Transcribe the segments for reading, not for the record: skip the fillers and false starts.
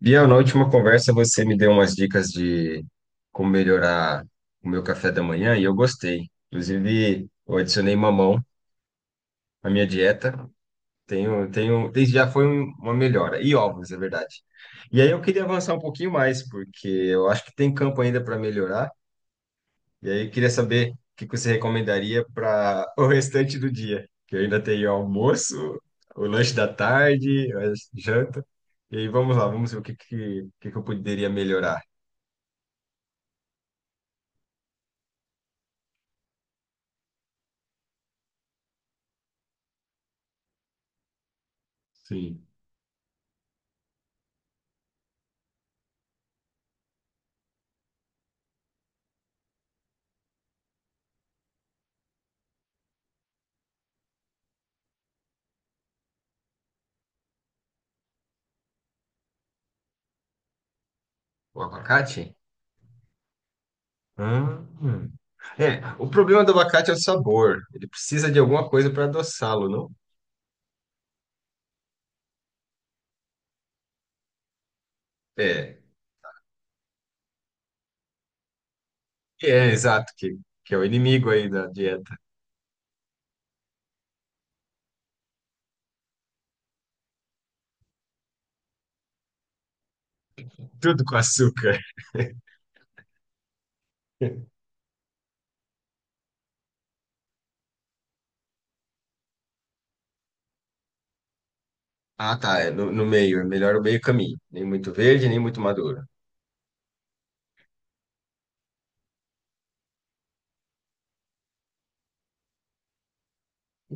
Biel, na última conversa você me deu umas dicas de como melhorar o meu café da manhã e eu gostei. Inclusive, eu adicionei mamão à minha dieta. Tenho, desde já foi uma melhora. E ovos, é verdade. E aí eu queria avançar um pouquinho mais, porque eu acho que tem campo ainda para melhorar. E aí eu queria saber o que que você recomendaria para o restante do dia. Que eu ainda tenho almoço, o lanche da tarde, a janta. E aí vamos lá, vamos ver o que que eu poderia melhorar. Sim. O abacate? Ah, é, o problema do abacate é o sabor. Ele precisa de alguma coisa para adoçá-lo, não? É, é exato, que é o inimigo aí da dieta. Tudo com açúcar. Ah, tá, é no meio, é melhor o meio caminho. Nem muito verde, nem muito maduro.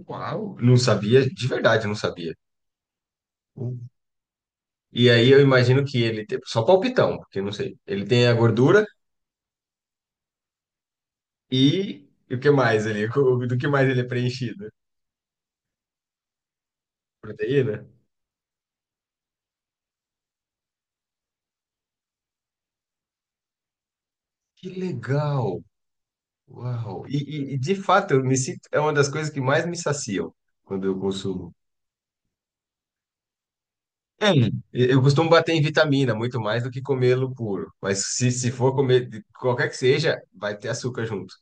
Uau, não sabia, de verdade não sabia. Hum. E aí eu imagino que ele tem, só palpitão, porque eu não sei. Ele tem a gordura e o que mais ali? Do que mais ele é preenchido? Proteína? Que legal! Uau! E, de fato, eu me sinto, é uma das coisas que mais me saciam quando eu consumo. É. Eu costumo bater em vitamina muito mais do que comê-lo puro. Mas se for comer de qualquer que seja, vai ter açúcar junto.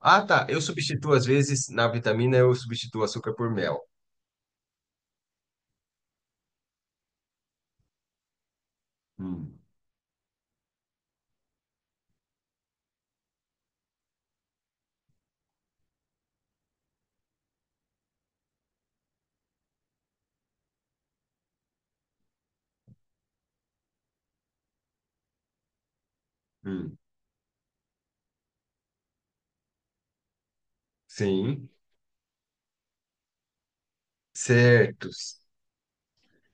Ah, tá. Eu substituo, às vezes, na vitamina, eu substituo açúcar por mel. Hum, hum. Sim. Certos.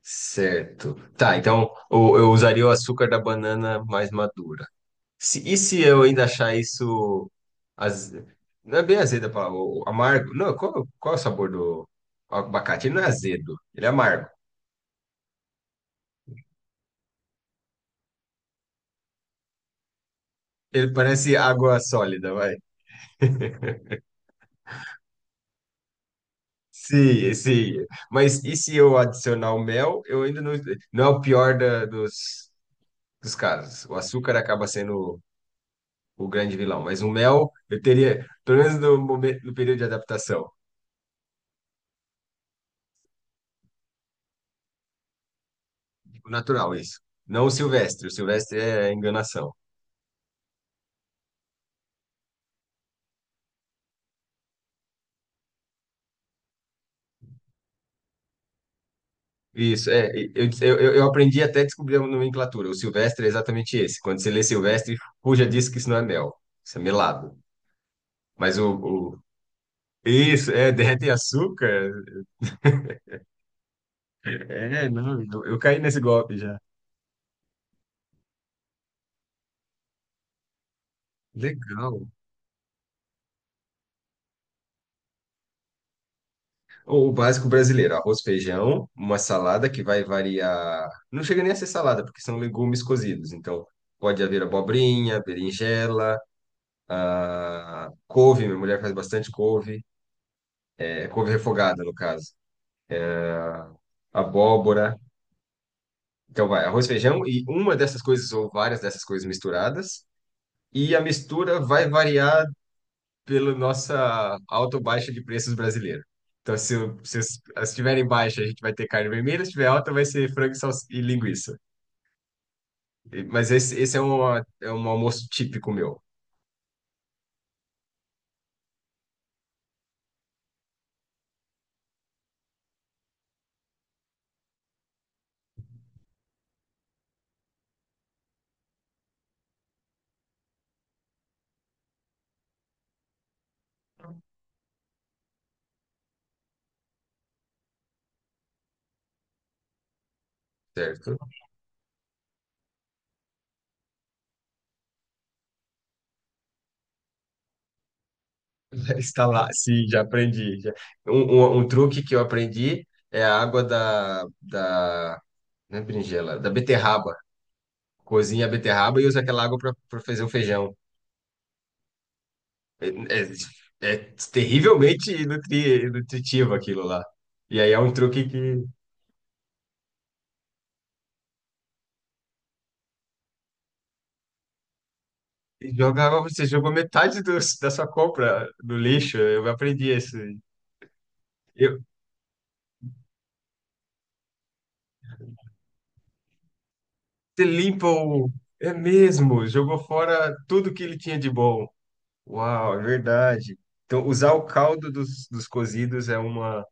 Certo. Certo. Tá, então eu usaria o açúcar da banana mais madura. Se, e se eu ainda achar isso. Az... Não é bem azedo a palavra, o amargo. Não, qual é o sabor do abacate? Ele não é azedo, ele é amargo. Ele parece água sólida, vai. Sim, sim. Mas e se eu adicionar o mel, eu ainda não. Não é o pior dos casos. O açúcar acaba sendo o grande vilão. Mas o mel, eu teria, pelo menos no momento, no período de adaptação. O natural, isso. Não o silvestre. O silvestre é enganação. Isso, é. Eu aprendi até a descobrir a nomenclatura. O silvestre é exatamente esse. Quando você lê silvestre, fuja disso que isso não é mel. Isso é melado. Mas o, o- Isso, é, derrete açúcar. É, não, eu caí nesse golpe já. Legal. O básico brasileiro, arroz, feijão, uma salada que vai variar. Não chega nem a ser salada, porque são legumes cozidos. Então, pode haver abobrinha, berinjela, ah, couve, minha mulher faz bastante couve. É, couve refogada, no caso. Abóbora. Então vai arroz, feijão e uma dessas coisas ou várias dessas coisas misturadas. E a mistura vai variar pela nossa alta ou baixa de preços brasileira. Então, se as estiverem baixa, a gente vai ter carne vermelha, se estiver alta, vai ser frango e linguiça. Mas esse é, é um almoço típico meu, certo? Está lá, sim, já aprendi. Já. Um, um truque que eu aprendi é a água não é berinjela, da beterraba. Cozinha a beterraba e usa aquela água para fazer o feijão. É, é- é terrivelmente nutritivo aquilo lá. E aí é um truque que você jogou metade da sua compra no lixo. Eu aprendi isso. Eu, você limpa o. É mesmo, jogou fora tudo que ele tinha de bom. Uau, é verdade. Então, usar o caldo dos cozidos é uma.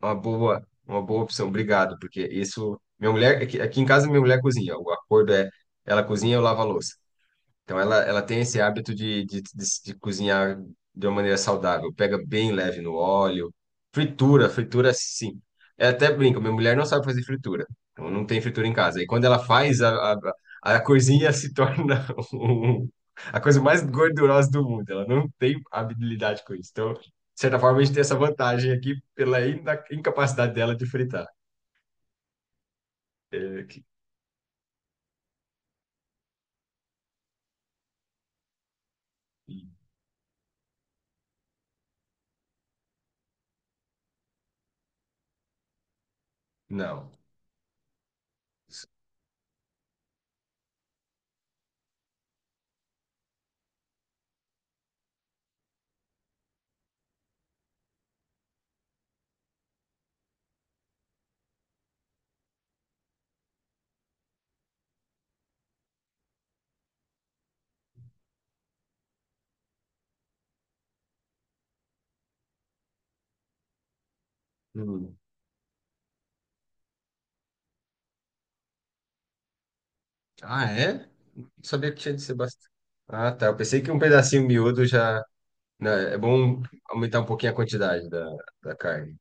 Uma boa opção, obrigado, porque isso. Minha mulher, aqui em casa, minha mulher cozinha. O acordo é, ela cozinha, e eu lavo a louça. Então ela tem esse hábito de cozinhar de uma maneira saudável. Pega bem leve no óleo. Fritura, fritura sim. Eu até brinco, minha mulher não sabe fazer fritura. Então não tem fritura em casa. E quando ela faz, a coisinha se torna um- a coisa mais gordurosa do mundo. Ela não tem habilidade com isso. Então, de certa forma, a gente tem essa vantagem aqui pela incapacidade dela de fritar. É, não. Ah, é? Não sabia que tinha de ser bastante. Ah, tá. Eu pensei que um pedacinho miúdo já. Não, é bom aumentar um pouquinho a quantidade da carne.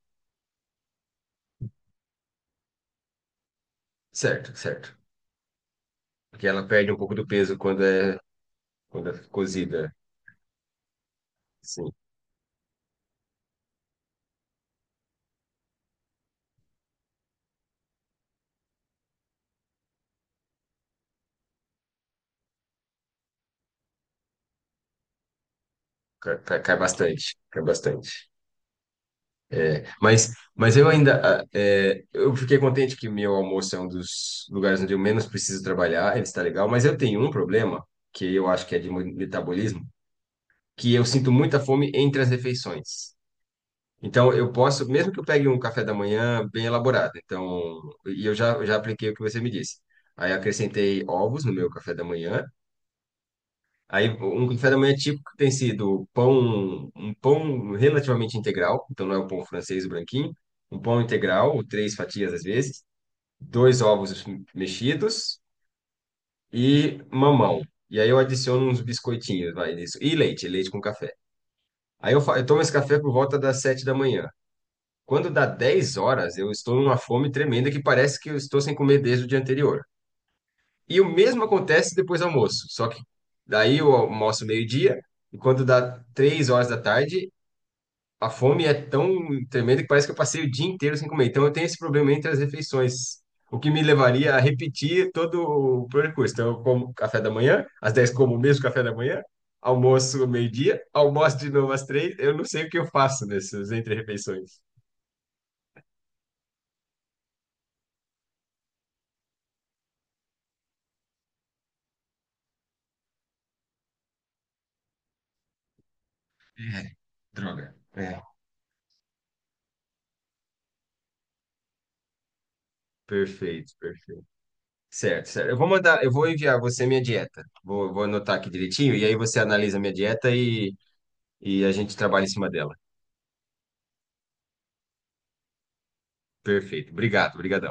Certo, certo. Porque ela perde um pouco do peso quando é cozida. Sim, cai bastante. Cai bastante. Mas eu ainda. Ah, é, eu fiquei contente que meu almoço é um dos lugares onde eu menos preciso trabalhar. Ele está legal. Mas eu tenho um problema, que eu acho que é de metabolismo, que eu sinto muita fome entre as refeições. Então, eu posso, mesmo que eu pegue um café da manhã bem elaborado, então, e eu já apliquei o que você me disse. Aí acrescentei ovos no meu café da manhã. Aí um café da manhã típico tem sido pão, um pão relativamente integral, então não é o pão francês o branquinho, um pão integral, ou três fatias às vezes, dois ovos mexidos e mamão. E aí eu adiciono uns biscoitinhos, vai nisso, e leite com café. Aí eu tomo esse café por volta das 7 da manhã. Quando dá 10 horas, eu estou numa fome tremenda que parece que eu estou sem comer desde o dia anterior. E o mesmo acontece depois do almoço, só que daí eu almoço meio-dia, e quando dá 3 horas da tarde, a fome é tão tremenda que parece que eu passei o dia inteiro sem comer. Então eu tenho esse problema entre as refeições, o que me levaria a repetir todo o percurso. Então eu como café da manhã, às 10 como o mesmo café da manhã, almoço meio-dia, almoço de novo às 3. Eu não sei o que eu faço nessas entre-refeições. É, droga. É, perfeito, perfeito. Certo, certo. Eu vou enviar você minha dieta. Vou anotar aqui direitinho e aí você analisa minha dieta e a gente trabalha em cima dela. Perfeito. Obrigado, obrigado.